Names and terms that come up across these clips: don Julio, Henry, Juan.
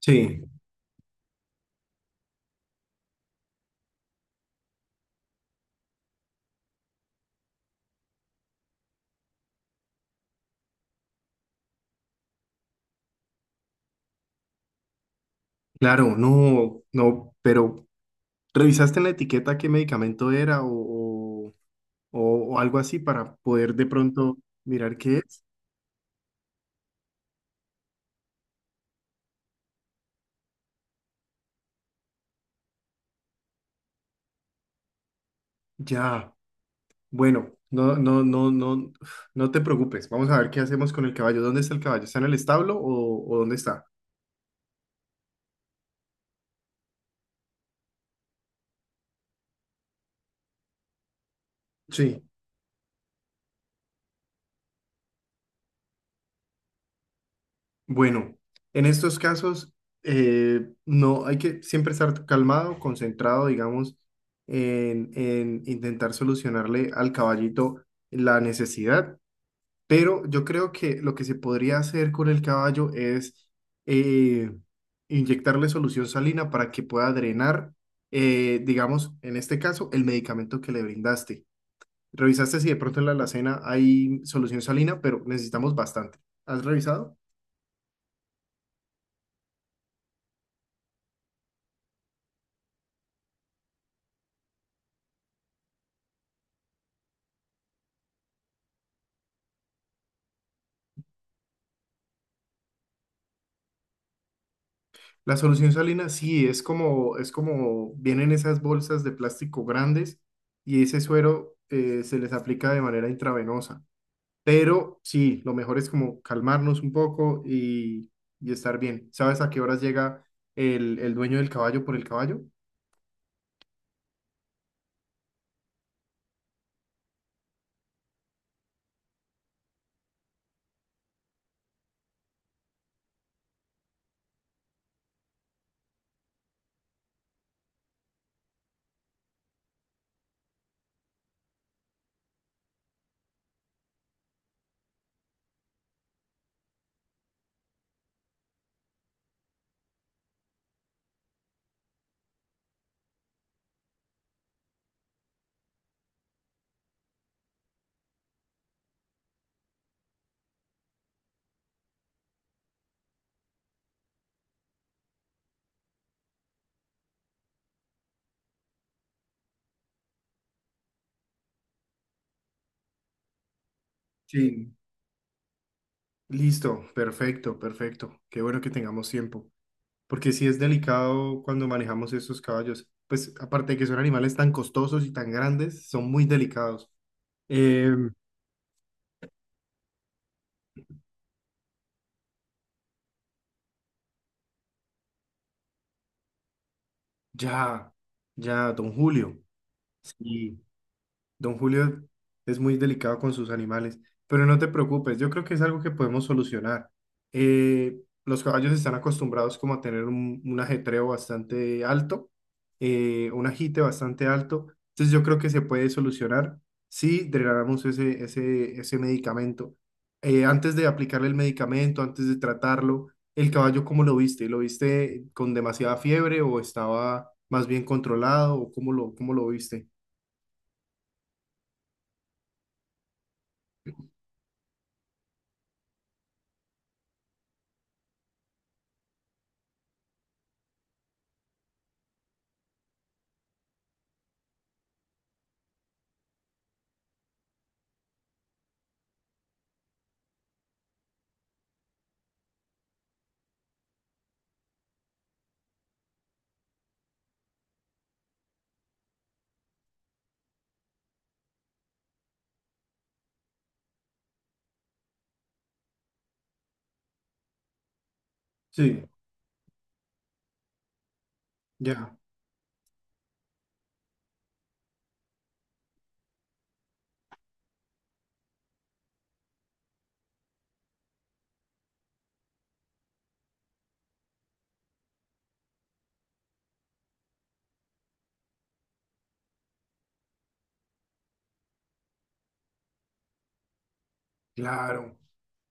Sí, claro, no, no, pero ¿revisaste en la etiqueta qué medicamento era o, o algo así para poder de pronto mirar qué es? Ya, bueno, no, te preocupes, vamos a ver qué hacemos con el caballo. ¿Dónde está el caballo? ¿Está en el establo o dónde está? Sí, bueno, en estos casos no hay que siempre estar calmado, concentrado, digamos, en intentar solucionarle al caballito la necesidad. Pero yo creo que lo que se podría hacer con el caballo es eh, inyectarle solución salina para que pueda drenar, digamos, en este caso, el medicamento que le brindaste. Revisaste si de pronto en la alacena hay solución salina, pero necesitamos bastante. ¿Has revisado? La solución salina sí es como vienen esas bolsas de plástico grandes y ese suero se les aplica de manera intravenosa. Pero sí, lo mejor es como calmarnos un poco y estar bien. ¿Sabes a qué horas llega el dueño del caballo por el caballo? Sí. Listo, perfecto, perfecto. Qué bueno que tengamos tiempo. Porque sí es delicado cuando manejamos estos caballos. Pues aparte de que son animales tan costosos y tan grandes, son muy delicados. Em, ya, ya, don Julio. Sí. Don Julio es muy delicado con sus animales, pero no te preocupes, yo creo que es algo que podemos solucionar. Los caballos están acostumbrados como a tener un ajetreo bastante alto, un agite bastante alto, entonces yo creo que se puede solucionar si drenamos ese medicamento. Antes de aplicarle el medicamento, antes de tratarlo, el caballo, ¿cómo lo viste? ¿Lo viste con demasiada fiebre o estaba más bien controlado o cómo cómo lo viste? Sí, ya. Claro.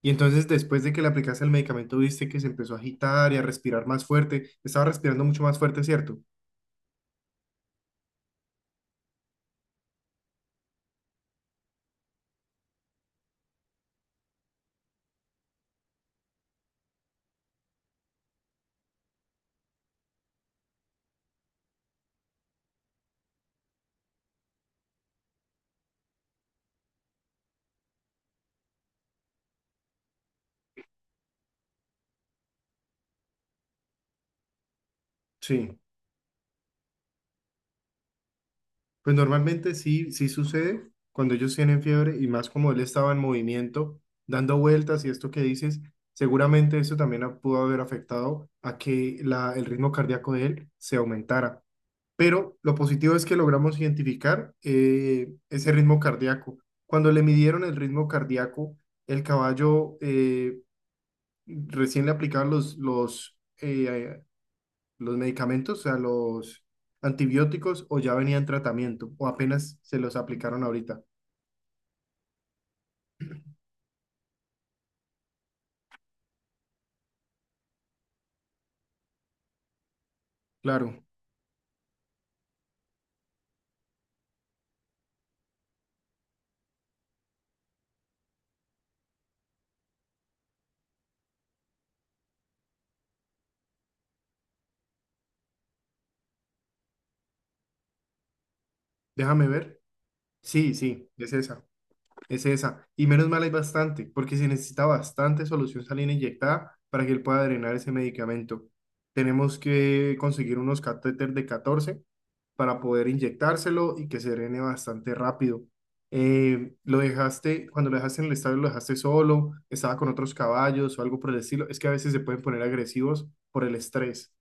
Y entonces después de que le aplicaste el medicamento, viste que se empezó a agitar y a respirar más fuerte. Estaba respirando mucho más fuerte, ¿cierto? Sí. Pues normalmente sí, sí sucede cuando ellos tienen fiebre y más como él estaba en movimiento, dando vueltas y esto que dices, seguramente eso también pudo haber afectado a que el ritmo cardíaco de él se aumentara. Pero lo positivo es que logramos identificar ese ritmo cardíaco. Cuando le midieron el ritmo cardíaco, el caballo... recién le aplicaban los medicamentos, o sea, los antibióticos, o ya venían tratamiento, o apenas se los aplicaron ahorita. Claro, déjame ver. Sí, sí, es esa, es esa. Y menos mal hay bastante, porque se necesita bastante solución salina inyectada para que él pueda drenar ese medicamento. Tenemos que conseguir unos catéteres de 14 para poder inyectárselo y que se drene bastante rápido. Lo dejaste, cuando lo dejaste en el estadio, lo dejaste solo, estaba con otros caballos o algo por el estilo. Es que a veces se pueden poner agresivos por el estrés.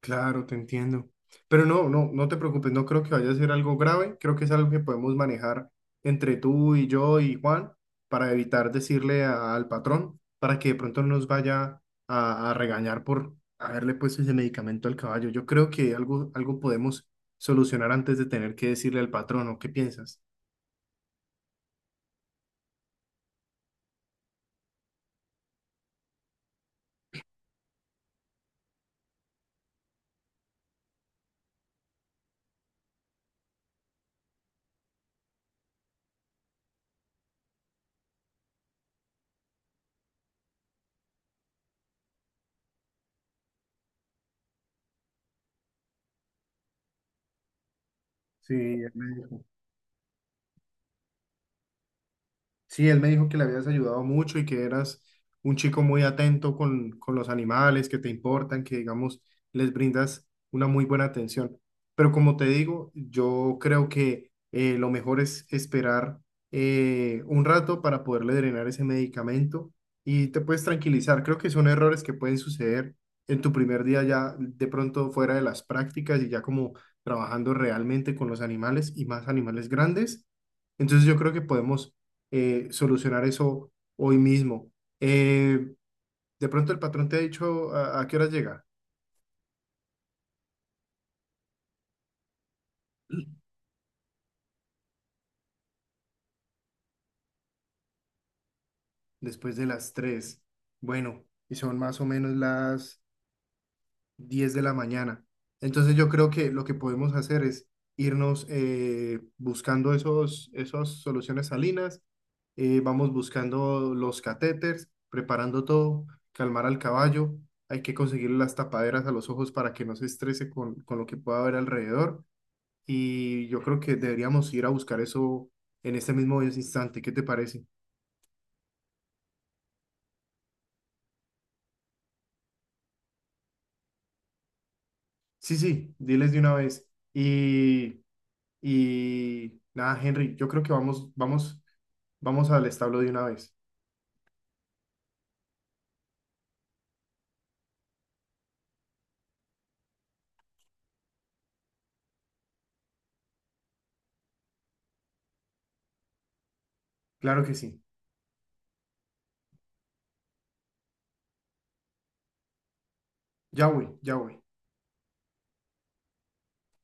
Claro, te entiendo. Pero no te preocupes, no creo que vaya a ser algo grave, creo que es algo que podemos manejar entre tú y yo y Juan para evitar decirle al patrón para que de pronto no nos vaya a regañar por haberle puesto ese medicamento al caballo. Yo creo que algo, algo podemos solucionar antes de tener que decirle al patrón, ¿o qué piensas? Sí, el médico. Sí, él me dijo que le habías ayudado mucho y que eras un chico muy atento con los animales, que te importan, que digamos, les brindas una muy buena atención. Pero como te digo, yo creo que lo mejor es esperar un rato para poderle drenar ese medicamento y te puedes tranquilizar. Creo que son errores que pueden suceder en tu primer día ya de pronto fuera de las prácticas y ya como trabajando realmente con los animales y más animales grandes. Entonces yo creo que podemos solucionar eso hoy mismo. Eh, de pronto el patrón te ha dicho a qué horas llega. Después de las 3. Bueno, y son más o menos las 10 de la mañana. Entonces yo creo que lo que podemos hacer es irnos buscando esas soluciones salinas, vamos buscando los catéteres, preparando todo, calmar al caballo, hay que conseguirle las tapaderas a los ojos para que no se estrese con lo que pueda haber alrededor. Y yo creo que deberíamos ir a buscar eso en este mismo instante. ¿Qué te parece? Sí, sí, diles de una vez. Y, y nada, Henry, yo creo que vamos, vamos, vamos al establo de una vez. Claro que sí. Ya voy, ya voy.